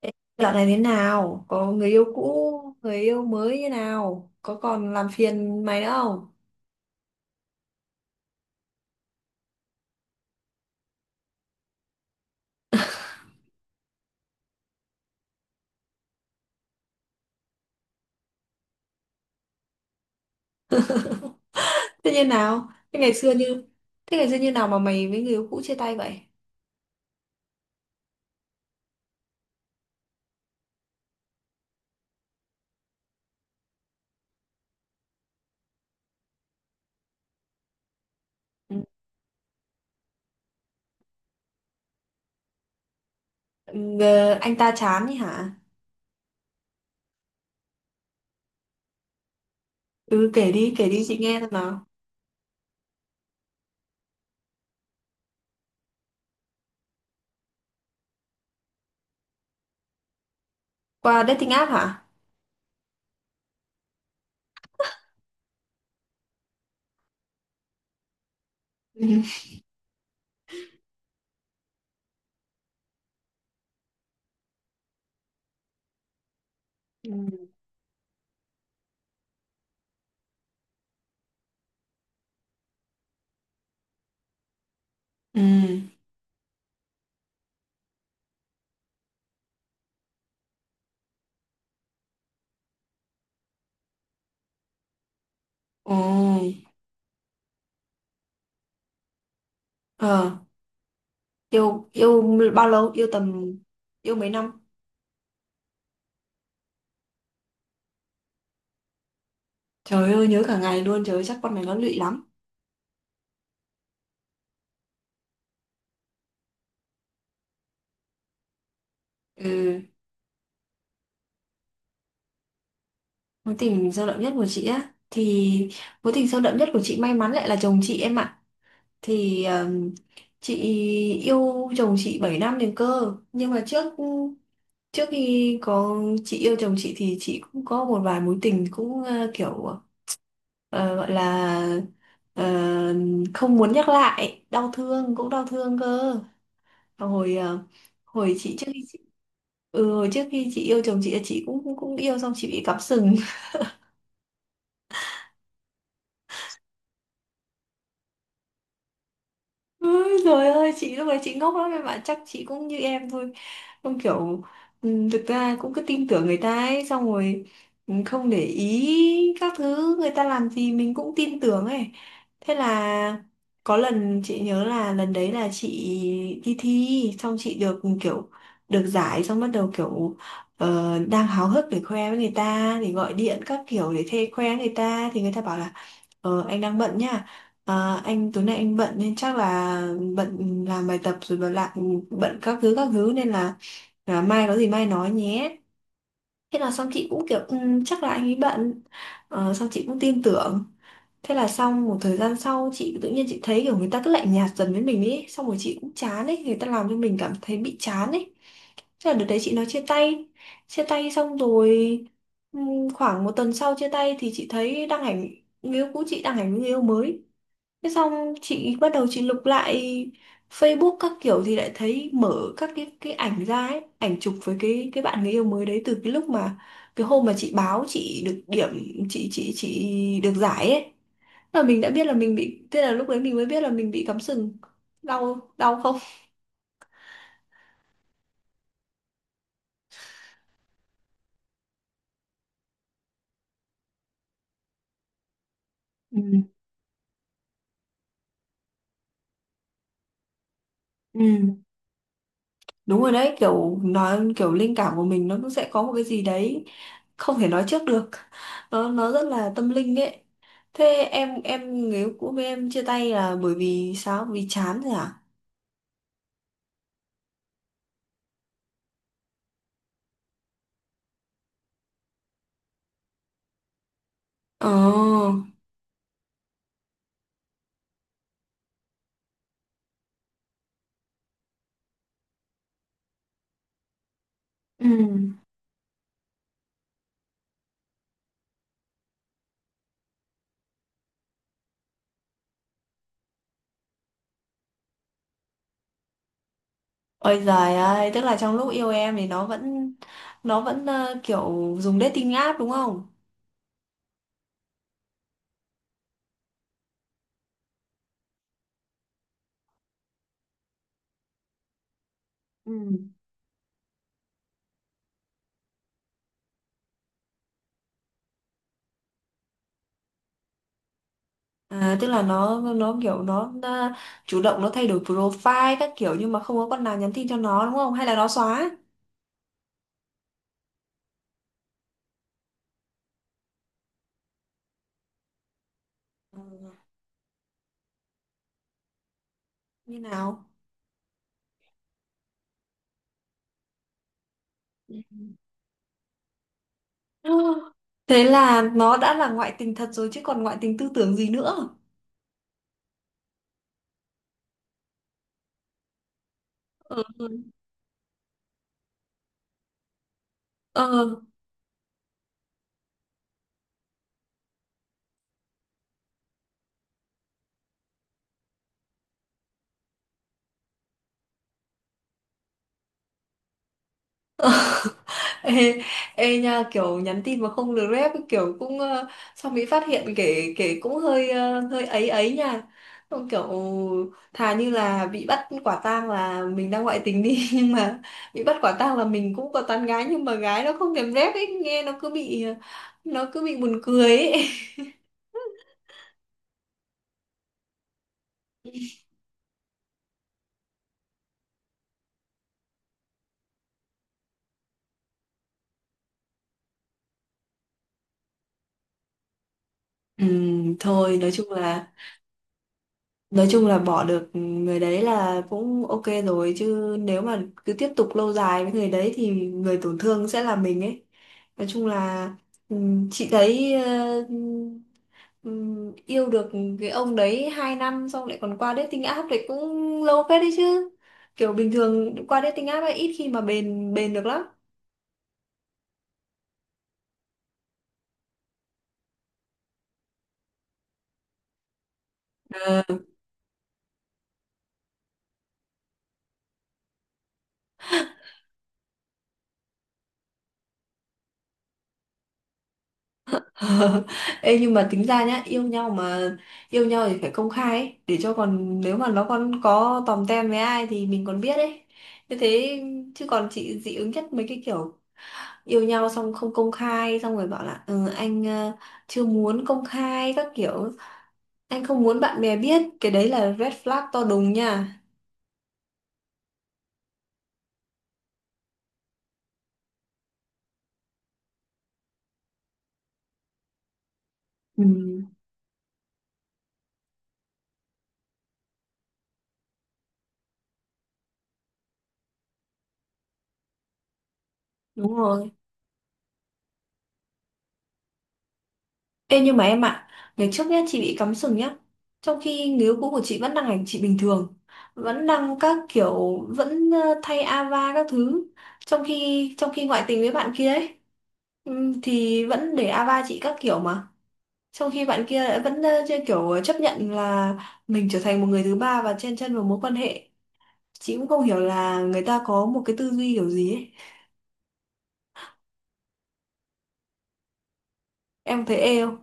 Ê, dạo này thế nào? Có người yêu cũ, người yêu mới như nào? Có còn làm phiền mày nữa không? Thế như nào? Thế ngày xưa như nào mà mày với người yêu cũ chia tay vậy? Ừ, ờ, anh ta chán ấy hả? Ừ, kể đi chị nghe xem nào. Qua dating app hả? Ừ. Ừ. Ừ. Ồ. Ờ, yêu yêu bao lâu? Yêu mấy năm? Trời ơi nhớ cả ngày luôn, trời ơi chắc con này nó lụy lắm. Ừ. Mối tình sâu đậm nhất của chị á thì mối tình sâu đậm nhất của chị may mắn lại là chồng chị em ạ. Thì chị yêu chồng chị 7 năm liền cơ, nhưng mà trước trước khi có, chị yêu chồng chị thì chị cũng có một vài mối tình cũng kiểu gọi là ờ, không muốn nhắc lại, đau thương cũng đau thương cơ. hồi ờ, hồi chị trước khi chị, ừ, hồi trước khi chị yêu chồng chị cũng cũng cũng yêu xong chị bị cắm sừng. Ôi trời ơi, chị lúc đấy chị ngốc lắm em ạ, chắc chị cũng như em thôi, không kiểu, ừ, thực ra cũng cứ tin tưởng người ta ấy, xong rồi, ừ, không để ý các thứ người ta làm gì, mình cũng tin tưởng ấy. Thế là có lần chị nhớ là lần đấy là chị đi thi xong chị được, ừ, kiểu được giải, xong bắt đầu kiểu đang háo hức để khoe với người ta thì gọi điện các kiểu để thê khoe người ta, thì người ta bảo là: "Ờ, anh đang bận nha. À, anh tối nay anh bận nên chắc là bận làm bài tập rồi, bận lại bận các thứ các thứ, nên là mai có gì mai nói nhé." Thế là xong chị cũng kiểu: "Ừ, chắc là anh ấy bận." Ờ, xong chị cũng tin tưởng. Thế là xong một thời gian sau, chị tự nhiên chị thấy kiểu người ta cứ lạnh nhạt dần với mình ấy. Xong rồi chị cũng chán ấy, người ta làm cho mình cảm thấy bị chán ấy. Thế là đợt đấy chị nói chia tay. Chia tay xong rồi, khoảng 1 tuần sau chia tay thì chị thấy đăng ảnh, người yêu cũ chị đăng ảnh với người yêu mới. Thế xong chị bắt đầu chị lục lại Facebook các kiểu, thì lại thấy mở các cái ảnh ra ấy, ảnh chụp với cái bạn người yêu mới đấy. Từ cái lúc mà cái hôm mà chị báo chị được điểm, chị được giải ấy, là mình đã biết là mình bị, thế là lúc đấy mình mới biết là mình bị cắm sừng. Đau đau không? Ừ, ừ, đúng rồi đấy, kiểu nói kiểu linh cảm của mình nó cũng sẽ có một cái gì đấy không thể nói trước được, nó rất là tâm linh ấy. Thế em người yêu cũ với em chia tay là bởi vì sao, vì chán rồi à? ờ ừ Ôi giời ơi, tức là trong lúc yêu em thì nó vẫn, kiểu dùng dating app đúng không? Ừ. À, tức là nó nó chủ động nó thay đổi profile các kiểu nhưng mà không có con nào nhắn tin cho nó đúng không? Hay là nó xóa? Ừ, như nào? Ừ. Thế là nó đã là ngoại tình thật rồi chứ còn ngoại tình tư tưởng gì nữa. Ừ. Ừ. Ê, ê nha, kiểu nhắn tin mà không được rep kiểu cũng xong bị phát hiện kể kể cũng hơi hơi ấy ấy nha. Xong kiểu thà như là bị bắt quả tang là mình đang ngoại tình đi nhưng mà bị bắt quả tang là mình cũng có tán gái nhưng mà gái nó không thèm rep ấy, nghe nó cứ bị, nó cứ bị buồn cười ấy. Ừ, thôi nói chung là, nói chung là bỏ được người đấy là cũng ok rồi, chứ nếu mà cứ tiếp tục lâu dài với người đấy thì người tổn thương sẽ là mình ấy. Nói chung là, chị thấy yêu được cái ông đấy 2 năm xong lại còn qua dating app thì cũng lâu phết đấy chứ. Kiểu bình thường qua dating app ấy ít khi mà bền bền được lắm. Ờ, ê, nhưng mà tính ra nhá, yêu nhau thì phải công khai ấy, để cho còn nếu mà nó còn có tòm tem với ai thì mình còn biết ấy, như thế. Chứ còn chị dị ứng nhất mấy cái kiểu yêu nhau xong không công khai, xong rồi bảo là ừ, chưa muốn công khai các kiểu, anh không muốn bạn bè biết, cái đấy là red flag to đùng nha. Ừ, đúng rồi. Ê nhưng mà em ạ, ngày trước nhá chị bị cắm sừng nhá. Trong khi người yêu cũ của chị vẫn đang hành chị bình thường, vẫn đang các kiểu vẫn thay ava các thứ, trong khi ngoại tình với bạn kia ấy, thì vẫn để ava chị các kiểu mà. Trong khi bạn kia lại vẫn chơi kiểu chấp nhận là mình trở thành một người thứ ba và chen chân vào mối quan hệ. Chị cũng không hiểu là người ta có một cái tư duy kiểu gì ấy. Em thấy ê không?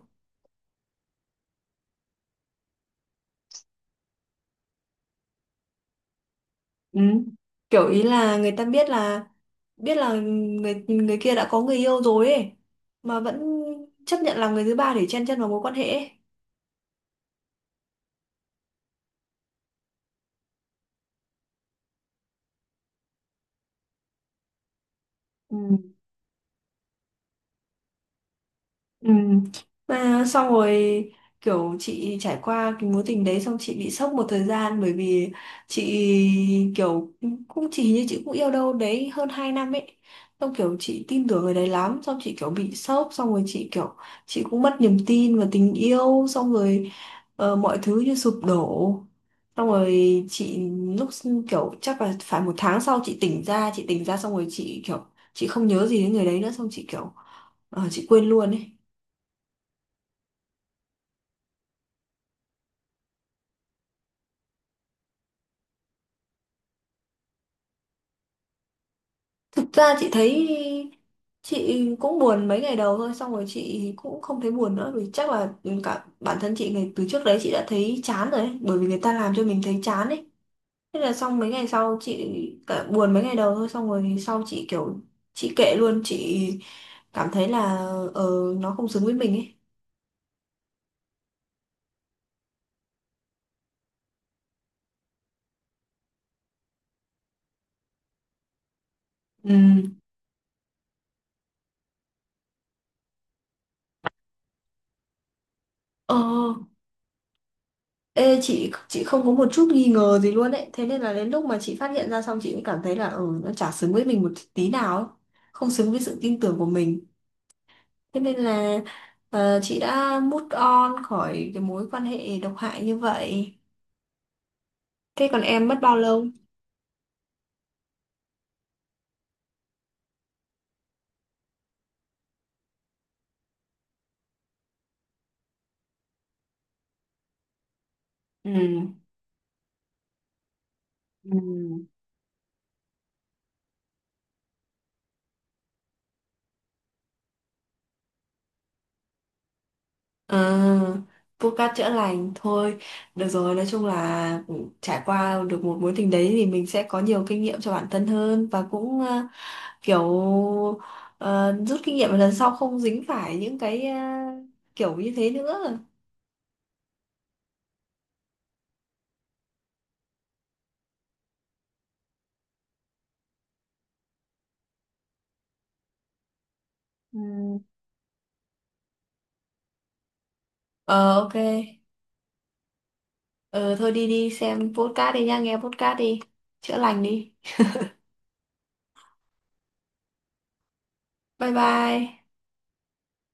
Ừ. Kiểu ý là người ta biết là người người kia đã có người yêu rồi ấy, mà vẫn chấp nhận làm người thứ ba để chen chân vào mối quan hệ ấy. Ừ. Ừ. Mà xong rồi kiểu chị trải qua cái mối tình đấy xong chị bị sốc một thời gian, bởi vì chị kiểu cũng chỉ như chị cũng yêu đâu đấy hơn 2 năm ấy, xong kiểu chị tin tưởng người đấy lắm, xong chị kiểu bị sốc, xong rồi chị kiểu chị cũng mất niềm tin vào tình yêu, xong rồi mọi thứ như sụp đổ, xong rồi chị lúc chắc là phải 1 tháng sau chị tỉnh ra, chị tỉnh ra xong rồi chị kiểu chị không nhớ gì đến người đấy nữa, xong chị kiểu chị quên luôn ấy. Thực ra chị thấy chị cũng buồn mấy ngày đầu thôi, xong rồi chị cũng không thấy buồn nữa, vì chắc là cả bản thân chị ngày từ trước đấy chị đã thấy chán rồi ấy, bởi vì người ta làm cho mình thấy chán ấy. Thế là xong mấy ngày sau chị, cả buồn mấy ngày đầu thôi xong rồi sau chị kiểu chị kệ luôn, chị cảm thấy là ờ nó không xứng với mình ấy. ừ ờ Ê, chị không có một chút nghi ngờ gì luôn ấy, thế nên là đến lúc mà chị phát hiện ra xong chị cũng cảm thấy là ờ nó chả xứng với mình một tí nào ấy, không xứng với sự tin tưởng của mình. Thế nên là chị đã move on khỏi cái mối quan hệ độc hại như vậy. Thế còn em mất bao lâu? Ừ. Ừ. À, vô cát chữa lành thôi. Được rồi, nói chung là trải qua được một mối tình đấy thì mình sẽ có nhiều kinh nghiệm cho bản thân hơn, và cũng kiểu ờ, rút kinh nghiệm lần sau không dính phải những cái kiểu như thế nữa. Ừ. Ờ ok. Ờ thôi, đi đi xem podcast đi nha, nghe podcast đi. Chữa lành đi. Bye bye.